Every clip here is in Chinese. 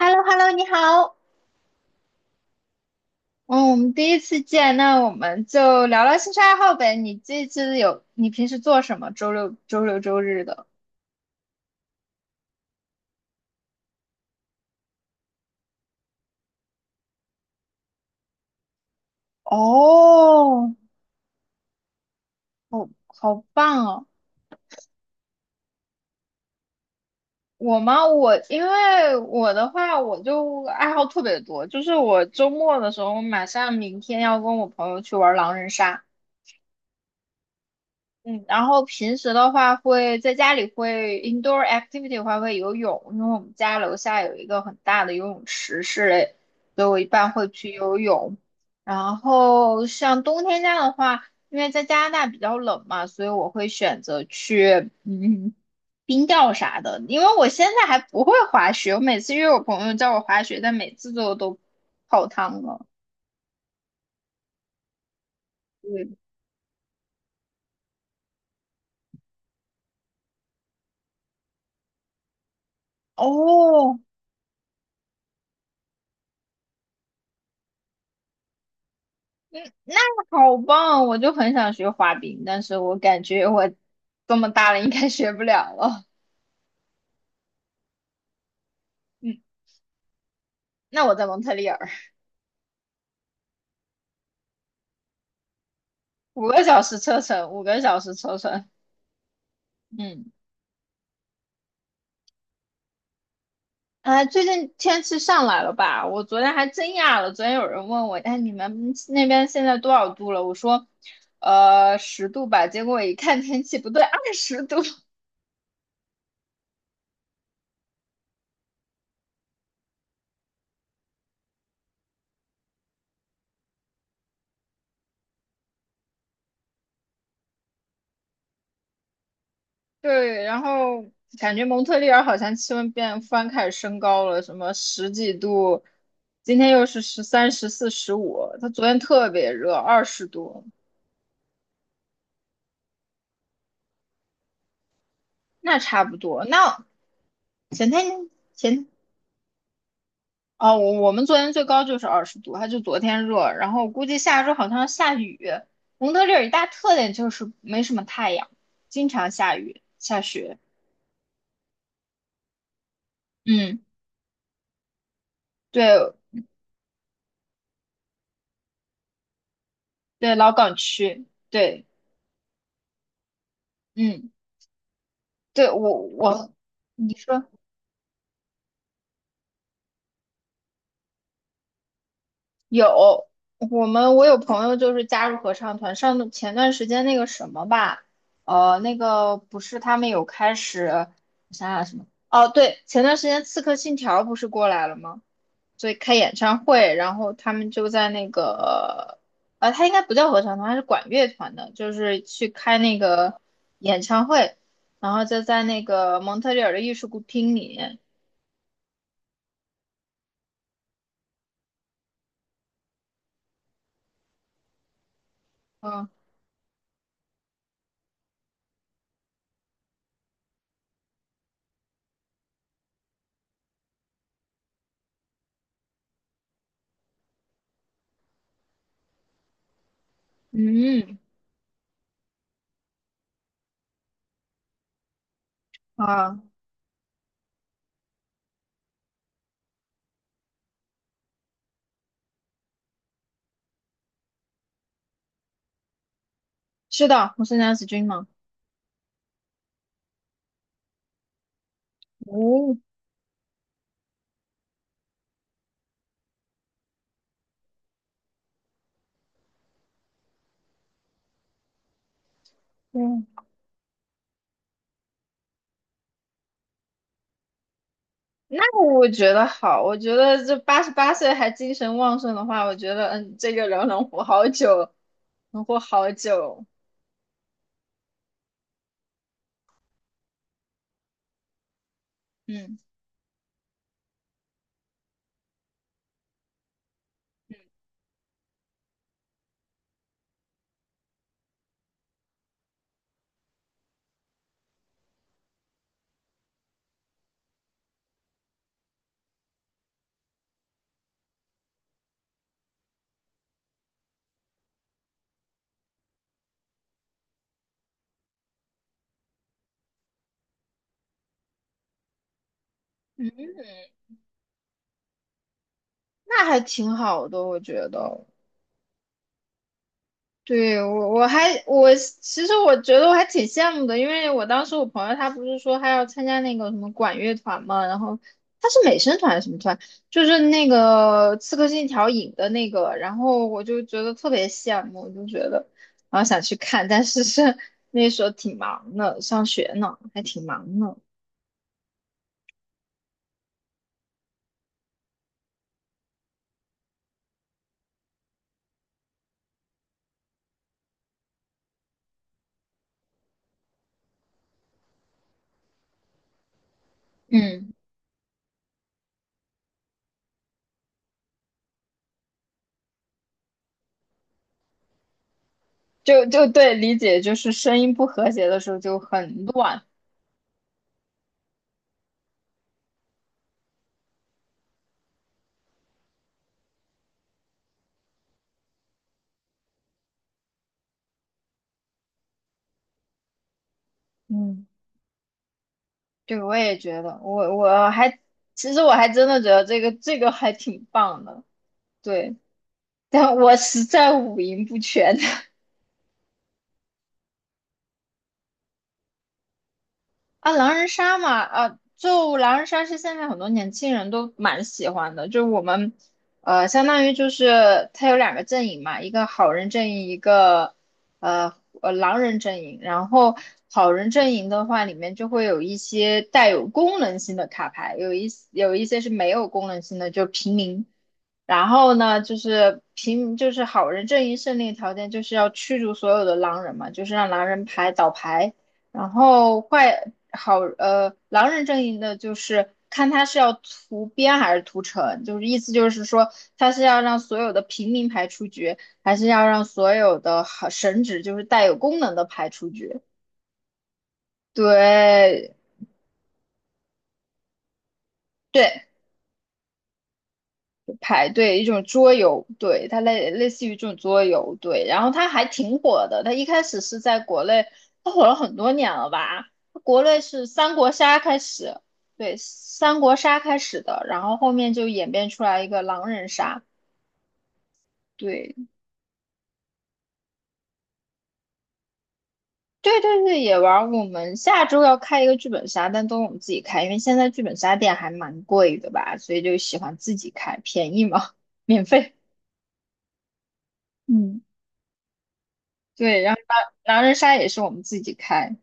h e l l o 你好。嗯，我们第一次见，那我们就聊聊兴趣爱好呗。你这次有，你平时做什么？周六、周日的？哦，好棒哦。我吗？我因为我的话，我就爱好特别多，就是我周末的时候，马上明天要跟我朋友去玩狼人杀。嗯，然后平时的话会在家里会 indoor activity 的话会游泳，因为我们家楼下有一个很大的游泳池室内，所以我一般会去游泳。然后像冬天家的话，因为在加拿大比较冷嘛，所以我会选择去嗯冰钓啥的。因为我现在还不会滑雪，我每次约我朋友叫我滑雪，但每次都泡汤了。对，哦，那好棒，我就很想学滑冰，但是我感觉我这么大了应该学不了了。嗯，那我在蒙特利尔，五个小时车程，五个小时车程。嗯，哎，最近天气上来了吧？我昨天还真讶了，昨天有人问我，哎，你们那边现在多少度了？我说，十度吧。结果我一看天气不对，二十度。对，然后感觉蒙特利尔好像气温变突然开始升高了，什么十几度，今天又是13、14、15，它昨天特别热，二十度，那差不多。那前天前哦，我们昨天最高就是二十度，它就昨天热，然后估计下周好像要下雨。蒙特利尔一大特点就是没什么太阳，经常下雨下雪。嗯，对对，老港区，对，嗯，对我。你说，有，我有朋友就是加入合唱团，前段时间那个什么吧，那个不是他们有开始，我想想什么，哦，对，前段时间《刺客信条》不是过来了吗？所以开演唱会，然后他们就在那个，他应该不叫合唱团，他是管乐团的，就是去开那个演唱会，然后就在那个蒙特利尔的艺术厅里，嗯嗯嗯啊，是的，我是梁子君吗？哦，嗯，那我觉得好，我觉得这88岁还精神旺盛的话，我觉得这个人能活好久，能活好久，嗯嗯，那还挺好的，我觉得。对，我其实我觉得我还挺羡慕的，因为我当时我朋友他不是说他要参加那个什么管乐团嘛，然后他是美声团还是什么团，就是那个《刺客信条》影的那个，然后我就觉得特别羡慕，我就觉得然后想去看，但是那时候挺忙的，上学呢，还挺忙呢。嗯，就对，理解就是声音不和谐的时候就很乱。嗯。对，我也觉得，我我还其实我还真的觉得这个还挺棒的，对，但我实在五音不全。啊，狼人杀嘛，啊，就狼人杀是现在很多年轻人都蛮喜欢的，就是我们，相当于就是它有2个阵营嘛，一个好人阵营，一个呃狼人阵营。然后好人阵营的话，里面就会有一些带有功能性的卡牌，有一些是没有功能性的，就平民。然后呢，就是平就是好人阵营胜利条件就是要驱逐所有的狼人嘛，就是让狼人牌倒牌。然后坏好呃，狼人阵营的就是看他是要屠边还是屠城，就是意思就是说他是要让所有的平民牌出局，还是要让所有的好神职就是带有功能的牌出局？对对，排队一种桌游，对，它类似于这种桌游，对，然后它还挺火的，它一开始是在国内，它火了很多年了吧？国内是三国杀开始，对，三国杀开始的，然后后面就演变出来一个狼人杀，对，对对对，也玩儿。我们下周要开一个剧本杀，但都我们自己开，因为现在剧本杀店还蛮贵的吧，所以就喜欢自己开，便宜嘛，免费，嗯，对，然后狼人杀也是我们自己开。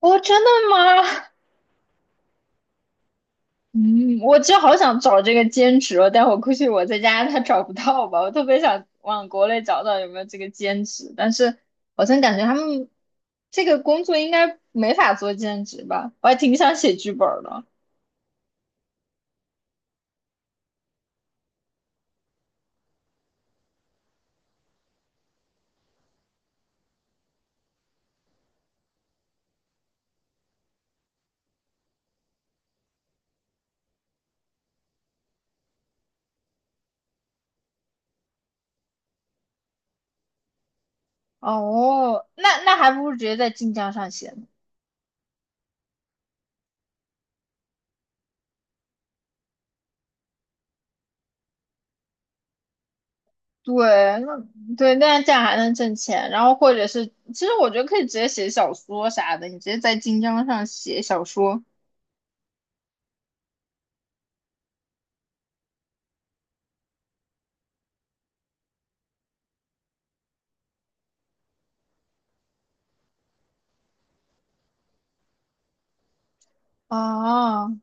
哦，真的吗？嗯，我就好想找这个兼职哦，但我估计我在家他找不到吧。我特别想往国内找找有没有这个兼职，但是好像感觉他们这个工作应该没法做兼职吧。我还挺想写剧本儿的。哦，那还不如直接在晋江上写呢。对，那对，那这样还能挣钱。然后或者是，其实我觉得可以直接写小说啥的，你直接在晋江上写小说。啊。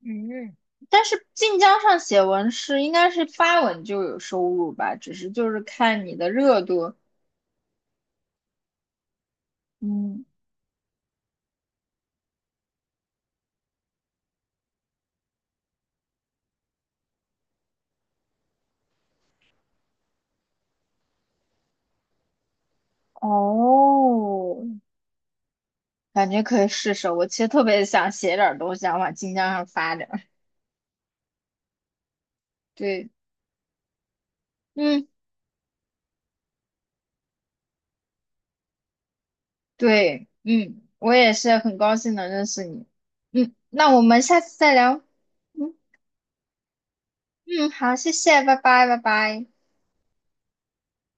嗯，但是晋江上写文是应该是发文就有收入吧，只是就是看你的热度。嗯，哦，感觉可以试试。我其实特别想写点儿东西，想往晋江上发点儿。对，嗯，对，嗯，我也是很高兴能认识你。嗯，那我们下次再聊。嗯嗯，好，谢谢，拜拜，拜拜。